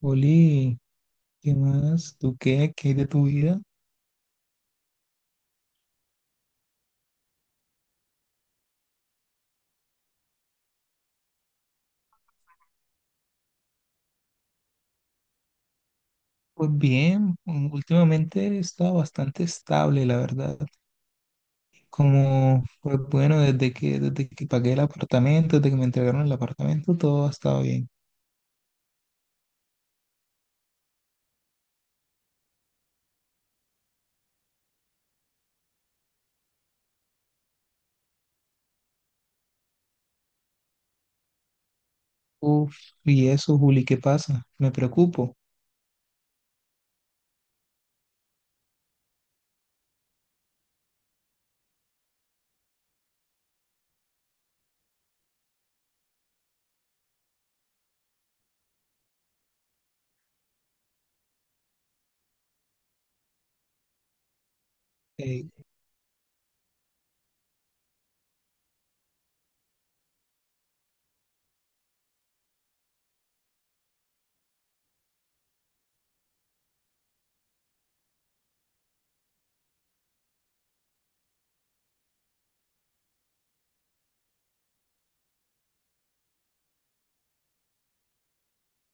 Oli, ¿qué más? ¿Tú qué? ¿Qué hay de tu vida? Pues bien, últimamente he estado bastante estable, la verdad. Como, pues bueno, desde que pagué el apartamento, desde que me entregaron el apartamento, todo ha estado bien. Uf, y eso, Juli, ¿qué pasa? Me preocupo. Eh,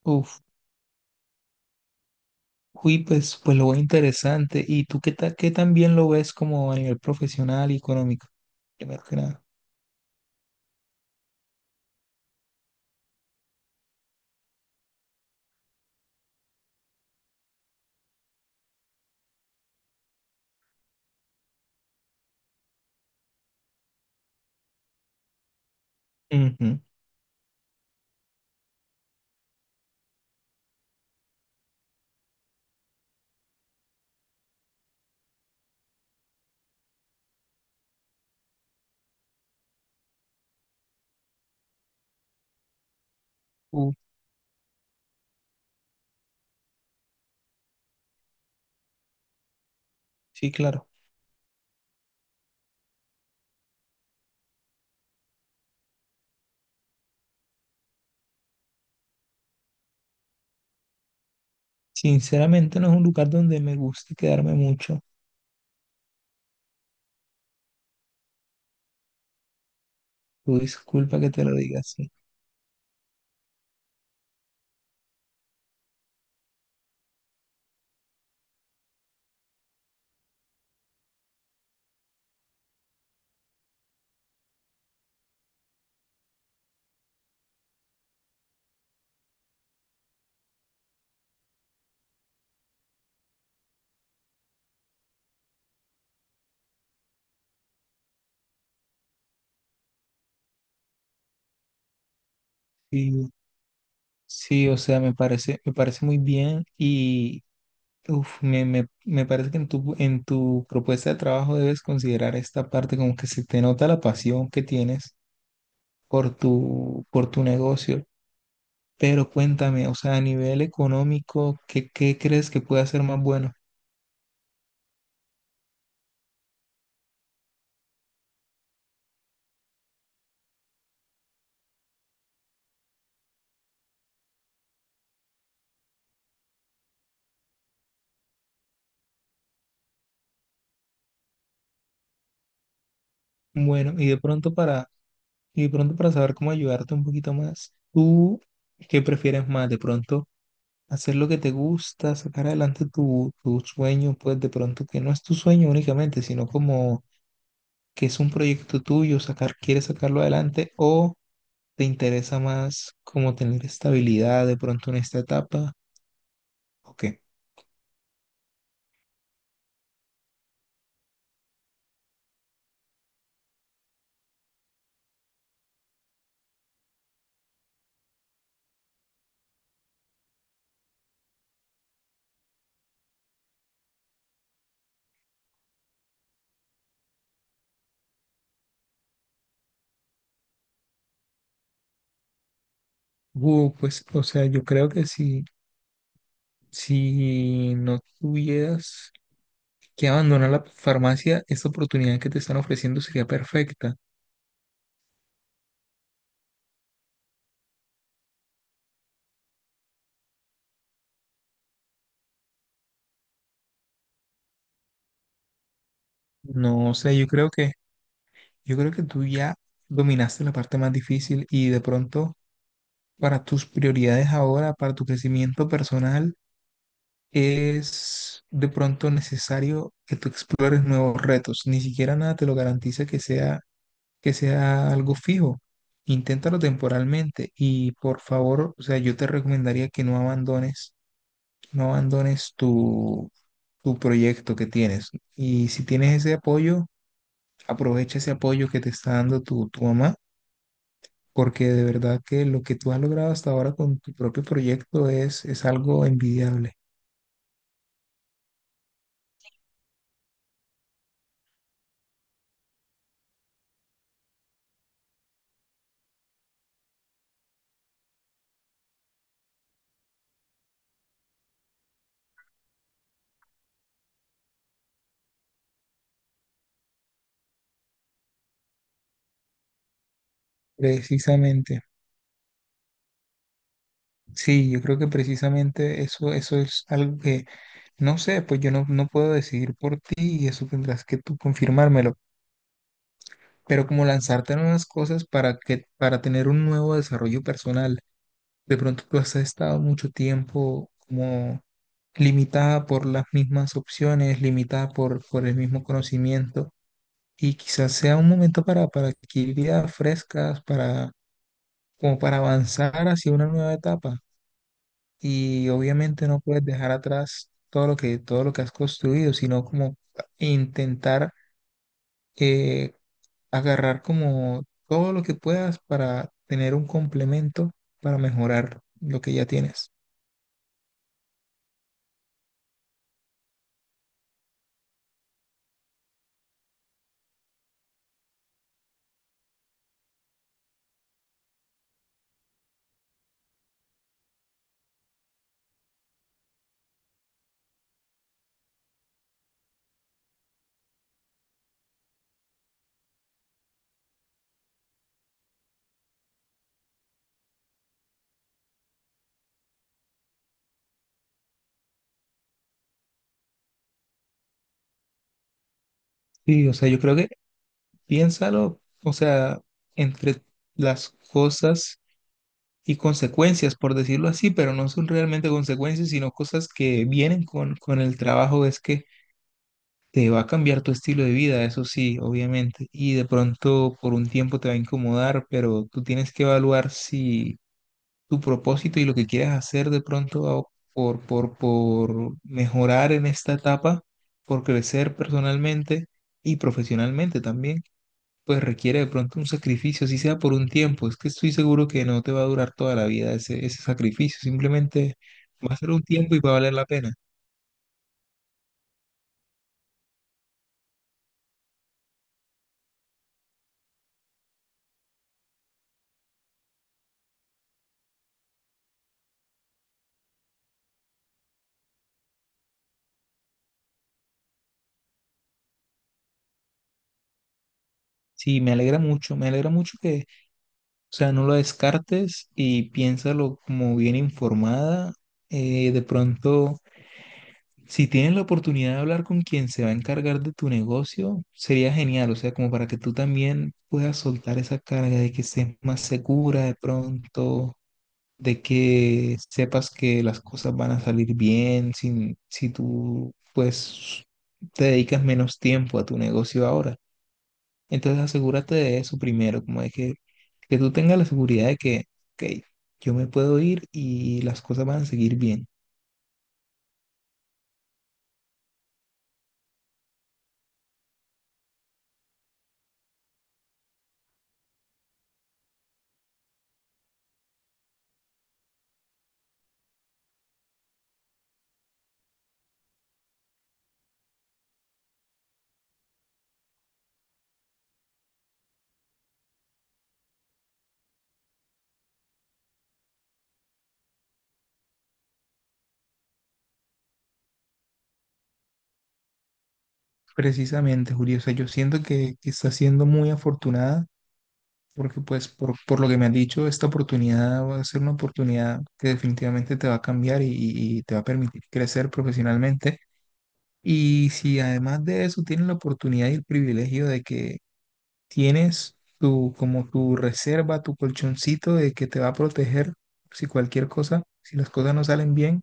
uf, pues, pues lo veo interesante. ¿Y tú qué, qué también lo ves como a nivel profesional y económico? Primero que nada. Ujú. Uf, sí, claro. Sinceramente no es un lugar donde me gusta quedarme mucho. Tu disculpa que te lo diga así. Sí, sí, o sea, me parece muy bien y me parece que en en tu propuesta de trabajo debes considerar esta parte, como que se te nota la pasión que tienes por por tu negocio. Pero cuéntame, o sea, a nivel económico, ¿ qué crees que puede ser más bueno? Bueno, y de pronto para Y de pronto para saber cómo ayudarte un poquito más, ¿tú qué prefieres más? De pronto hacer lo que te gusta, sacar adelante tu sueño, pues de pronto que no es tu sueño únicamente, sino como que es un proyecto tuyo, quieres sacarlo adelante, o te interesa más como tener estabilidad de pronto en esta etapa, ¿o qué? Pues, o sea, yo creo que si, si no tuvieras que abandonar la farmacia, esta oportunidad que te están ofreciendo sería perfecta. No, o sea, yo creo que tú ya dominaste la parte más difícil, y de pronto para tus prioridades ahora, para tu crecimiento personal, es de pronto necesario que tú explores nuevos retos. Ni siquiera nada te lo garantiza que sea algo fijo. Inténtalo temporalmente y, por favor, o sea, yo te recomendaría que no abandones tu proyecto que tienes. Y si tienes ese apoyo, aprovecha ese apoyo que te está dando tu mamá, porque de verdad que lo que tú has logrado hasta ahora con tu propio proyecto es algo envidiable. Precisamente, sí, yo creo que precisamente eso, eso es algo que, no sé, pues yo no, no puedo decidir por ti, y eso tendrás que tú confirmármelo, pero como lanzarte en unas cosas para que, para tener un nuevo desarrollo personal. De pronto tú has estado mucho tiempo como limitada por las mismas opciones, limitada por el mismo conocimiento, y quizás sea un momento para adquirir ideas frescas, para, como para avanzar hacia una nueva etapa. Y obviamente no puedes dejar atrás todo todo lo que has construido, sino como intentar eh, agarrar como todo lo que puedas para tener un complemento para mejorar lo que ya tienes. Sí, o sea, yo creo que piénsalo. O sea, entre las cosas y consecuencias, por decirlo así, pero no son realmente consecuencias, sino cosas que vienen con el trabajo, es que te va a cambiar tu estilo de vida, eso sí, obviamente, y de pronto por un tiempo te va a incomodar, pero tú tienes que evaluar si tu propósito y lo que quieres hacer de pronto por, por mejorar en esta etapa, por crecer personalmente y profesionalmente también, pues requiere de pronto un sacrificio, si sea por un tiempo. Es que estoy seguro que no te va a durar toda la vida ese sacrificio, simplemente va a ser un tiempo y va a valer la pena. Sí, me alegra mucho que, o sea, no lo descartes y piénsalo como bien informada. De pronto, si tienes la oportunidad de hablar con quien se va a encargar de tu negocio, sería genial, o sea, como para que tú también puedas soltar esa carga, de que estés más segura de pronto, de que sepas que las cosas van a salir bien sin, si tú pues te dedicas menos tiempo a tu negocio ahora. Entonces asegúrate de eso primero, como de que tú tengas la seguridad de que, ok, yo me puedo ir y las cosas van a seguir bien. Precisamente, Julio, o sea, yo siento que estás siendo muy afortunada, porque pues por lo que me has dicho, esta oportunidad va a ser una oportunidad que definitivamente te va a cambiar, y te va a permitir crecer profesionalmente. Y si además de eso tienes la oportunidad y el privilegio de que tienes tu, como tu reserva, tu colchoncito, de que te va a proteger si cualquier cosa, si las cosas no salen bien,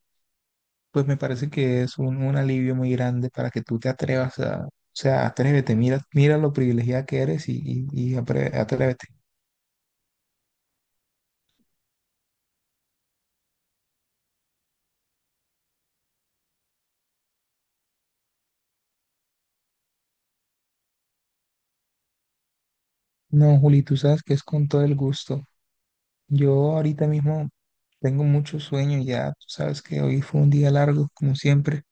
pues me parece que es un alivio muy grande para que tú te atrevas a, o sea, atrévete, mira, mira lo privilegiada que eres, y atrévete. No, Juli, tú sabes que es con todo el gusto. Yo ahorita mismo tengo mucho sueño ya, tú sabes que hoy fue un día largo, como siempre.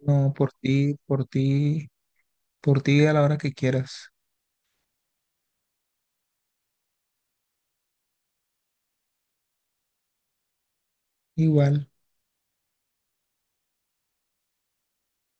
No, por ti a la hora que quieras. Igual.